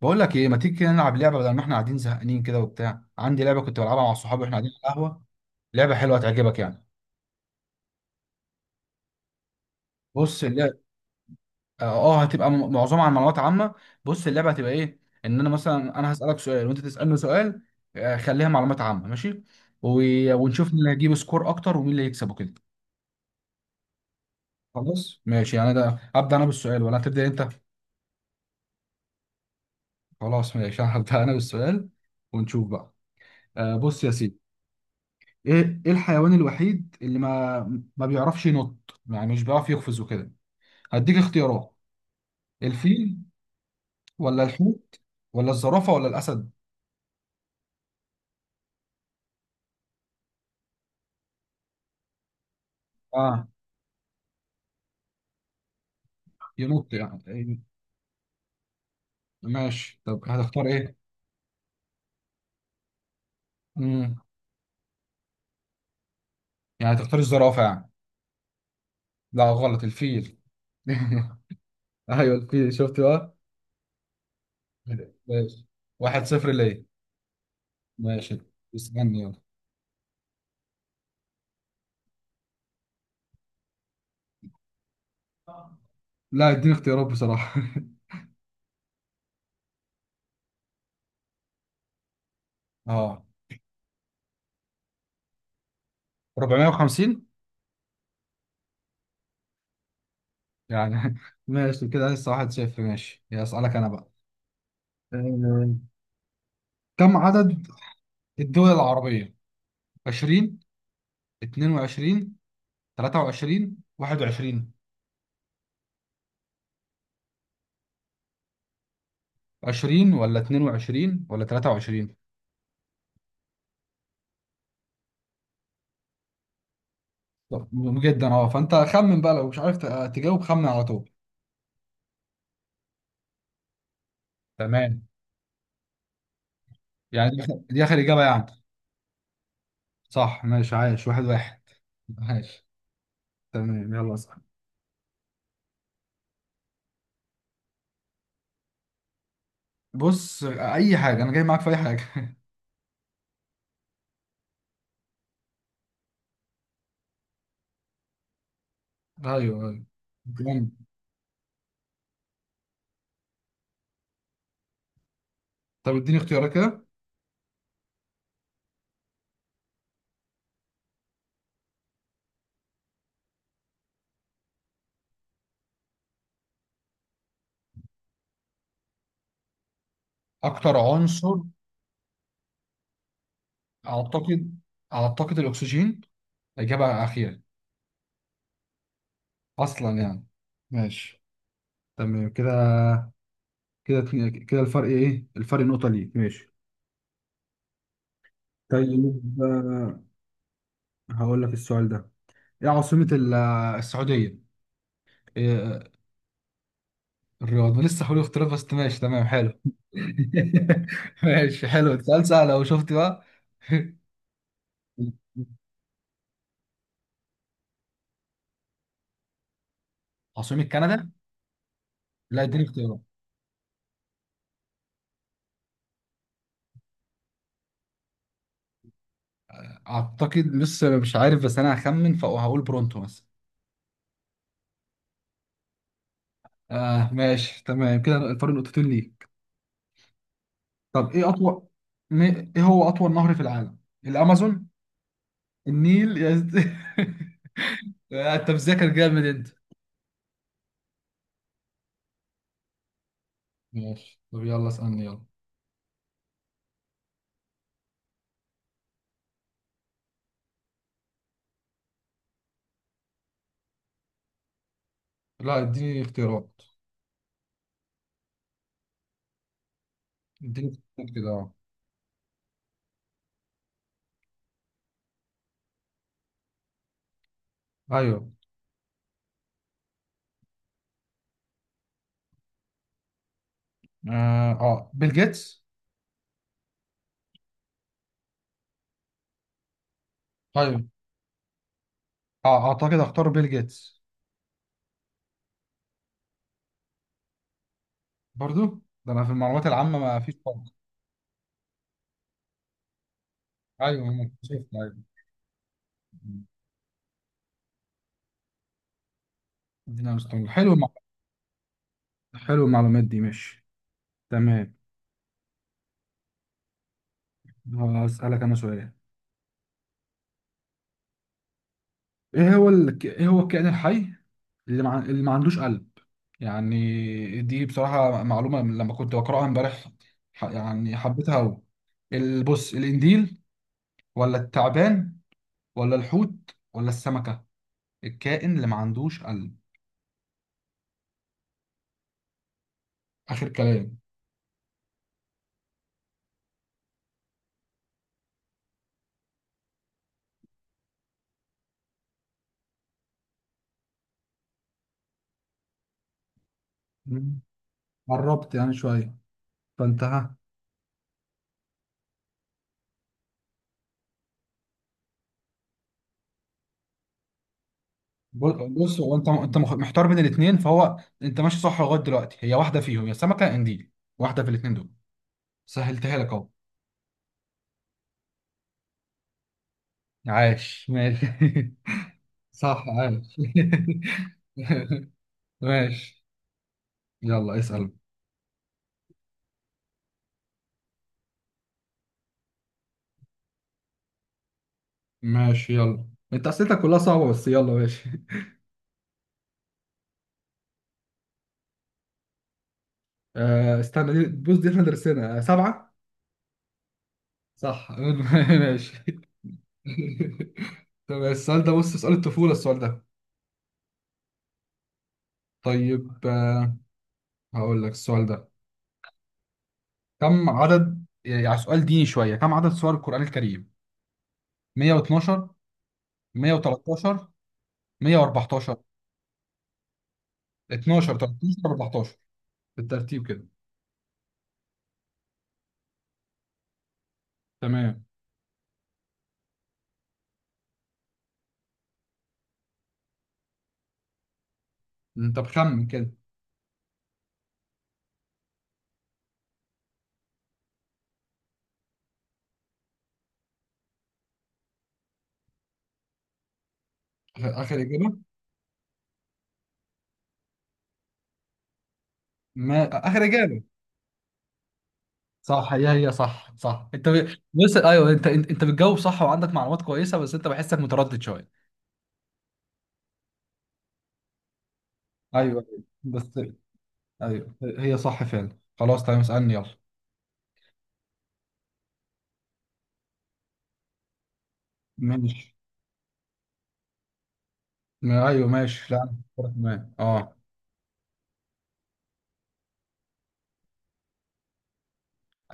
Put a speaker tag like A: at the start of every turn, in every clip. A: بقول لك ايه، ما تيجي كده نلعب لعبه، بدل ما احنا قاعدين زهقانين كده وبتاع؟ عندي لعبه كنت بلعبها مع صحابي واحنا قاعدين على القهوه. لعبه حلوه هتعجبك يعني. بص اللعبه. هتبقى معظمها عن معلومات عامه. بص اللعبه هتبقى ايه. ان انا مثلا هسالك سؤال وانت تسالني سؤال. خليها معلومات عامه ماشي و... ونشوف مين اللي هيجيب سكور اكتر ومين اللي هيكسب وكده. خلاص ماشي، يعني ده ابدا انا بالسؤال ولا هتبدا انت؟ خلاص ماشي هبدا انا بالسؤال ونشوف بقى. بص يا سيدي. ايه الحيوان الوحيد اللي ما بيعرفش ينط، يعني مش بيعرف يقفز وكده؟ هديك اختيارات: الفيل ولا الحوت ولا الزرافة ولا الأسد؟ اه، ينط يعني إيه؟ ماشي طب هتختار ايه؟ امم، يعني هتختار الزرافة يعني؟ لا غلط، الفيل. ايوه الفيل، شفت بقى؟ ماشي، واحد صفر ليه. ماشي، استنى يلا. لا اديني اختيارات بصراحة. اه 450. يعني ماشي كده، لسه واحد صفر، ماشي، يا اسألك انا بقى. آه، كم عدد الدول العربية؟ 20، 22، 23، 21. 20 ولا 22 ولا 23؟ طب مهم جدا اه، فانت خمن بقى، لو مش عارف تجاوب خمن على طول. تمام، يعني دي آخر إجابة يعني؟ صح ماشي، عايش، واحد واحد. ماشي تمام، يلا، صح. بص، أي حاجة، أنا جاي معاك في أي حاجة. أيوه أيوه. جامد. طب اديني اختيارات كده. أكتر عنصر؟ أعتقد، أعتقد الأكسجين. إجابة أخيرة. اصلا يعني. ماشي تمام كده، كده اتنين- كده الفرق، ايه الفرق؟ نقطة ليك، ماشي. طيب هقول لك السؤال ده: ايه عاصمة السعودية؟ إيه الرياض؟ ما لسه، حلو اختلاف بس ماشي تمام حلو. ماشي حلو، سؤال سهل لو شفت بقى. عاصمة كندا؟ لا اديني اختيارات. اعتقد لسه مش عارف بس انا هخمن، فهقول برونتو مثلا. آه ماشي تمام، كده الفرق نقطتين ليك. طب ايه اطول؟ ايه هو اطول نهر في العالم؟ الامازون؟ النيل انت مذاكر جامد انت. ماشي طب يلا اسالني يلا. لا اديني اختيارات. اديني اختيارات كده اه. ايوه. بيل جيتس. ايوه. اه، اعتقد اختار بيل جيتس. برضو، ده انا في المعلومات العامه ما فيش فرق. ايوه انا شفت ايوه. ادينا مستوى حلو حلو المعلومات دي ماشي. تمام. هسألك انا سؤال: ايه هو ايه هو الكائن الحي اللي ما عندوش قلب؟ يعني دي بصراحة معلومة من لما كنت بقرأها امبارح، يعني حبيتها أوي. بص، الإنديل ولا التعبان ولا الحوت ولا السمكة؟ الكائن اللي ما عندوش قلب. آخر كلام. مم. قربت يعني شوية، فأنت ها. بص، هو أنت محتار بين الاتنين، فهو أنت ماشي صح لغاية دلوقتي. هي واحدة فيهم، يا سمكة يا إنديل، واحدة في الاتنين دول. سهلتها لك أهو. عاش ماشي. صح عاش. ماشي ماشي. يلا اسأل. ماشي يلا. انت اسئلتك كلها صعبه، بس يلا ماشي. آه استنى دي. بص دي احنا درسنا، سبعه. صح. ماشي. طب السؤال ده، بص سؤال الطفوله السؤال ده. طيب هقول لك السؤال ده: كم عدد، يعني سؤال ديني شويه، كم عدد سور القران الكريم؟ 112، 113، 114؟ 12، 13، 14؟ بالترتيب كده. تمام. انت بخمن كده. آخر اجابه. ما اخر اجابه. صح، هي هي صح صح، انت بص ايوه، انت بتجاوب صح، وعندك معلومات كويسه، بس انت بحسك متردد شويه. ايوه بس، ايوه هي صح فعلا. خلاص تمام، اسالني يلا. ماشي. ايوه ماشي، لا تمام اه.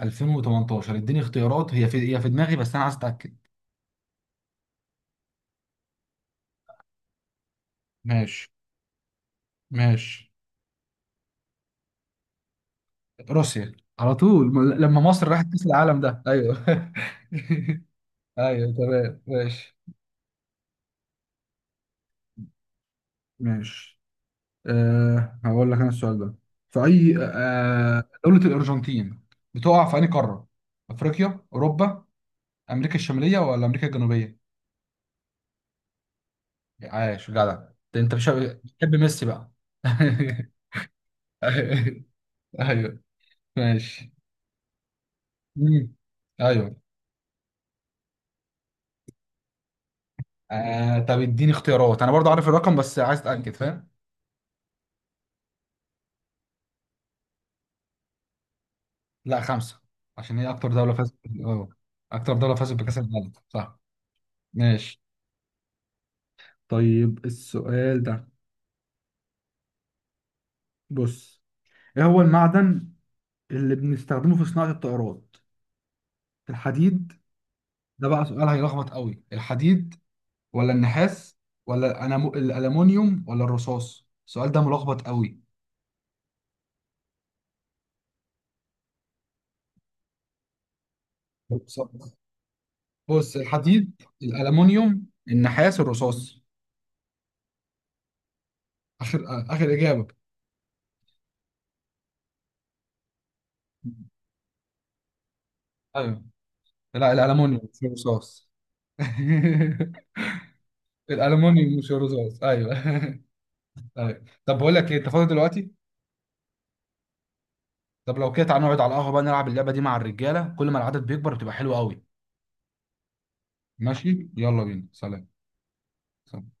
A: 2018 اديني اختيارات، هي في دماغي بس انا عايز اتاكد. ماشي. ماشي. روسيا. على طول، لما مصر راحت كاس العالم ده ايوه. ايوه تمام ماشي. ماشي. أه هقول لك انا السؤال ده: في اي دولة الارجنتين بتقع؟ في اي قارة؟ افريقيا، اوروبا، امريكا الشمالية ولا امريكا الجنوبية؟ عاش، جدع ده. انت مش بتحب ميسي بقى. ايوه ماشي. مم. ايوه. آه طب اديني اختيارات، انا برضه عارف الرقم بس عايز اتاكد فاهم. لا خمسة، عشان هي اكتر دولة فازت اكتر دولة فازت بكأس العالم صح. ماشي. طيب السؤال ده، بص: ايه هو المعدن اللي بنستخدمه في صناعة الطائرات؟ الحديد؟ ده بقى سؤال هيلخبط قوي. الحديد ولا النحاس ولا الألمونيوم ولا الرصاص؟ السؤال ده ملخبط قوي. بص، بص، الحديد، الألمونيوم، النحاس، الرصاص. آخر آخر إجابة. أيوه. لا الألمونيوم مش الرصاص. الألمونيوم مش الرصاص أيوه. أيوه، طب بقول لك إيه، أنت فاضي دلوقتي؟ طب لو كده تعالى نقعد على القهوة بقى نلعب اللعبة دي مع الرجالة، كل ما العدد بيكبر بتبقى حلوة قوي. ماشي يلا بينا، سلام. سلام.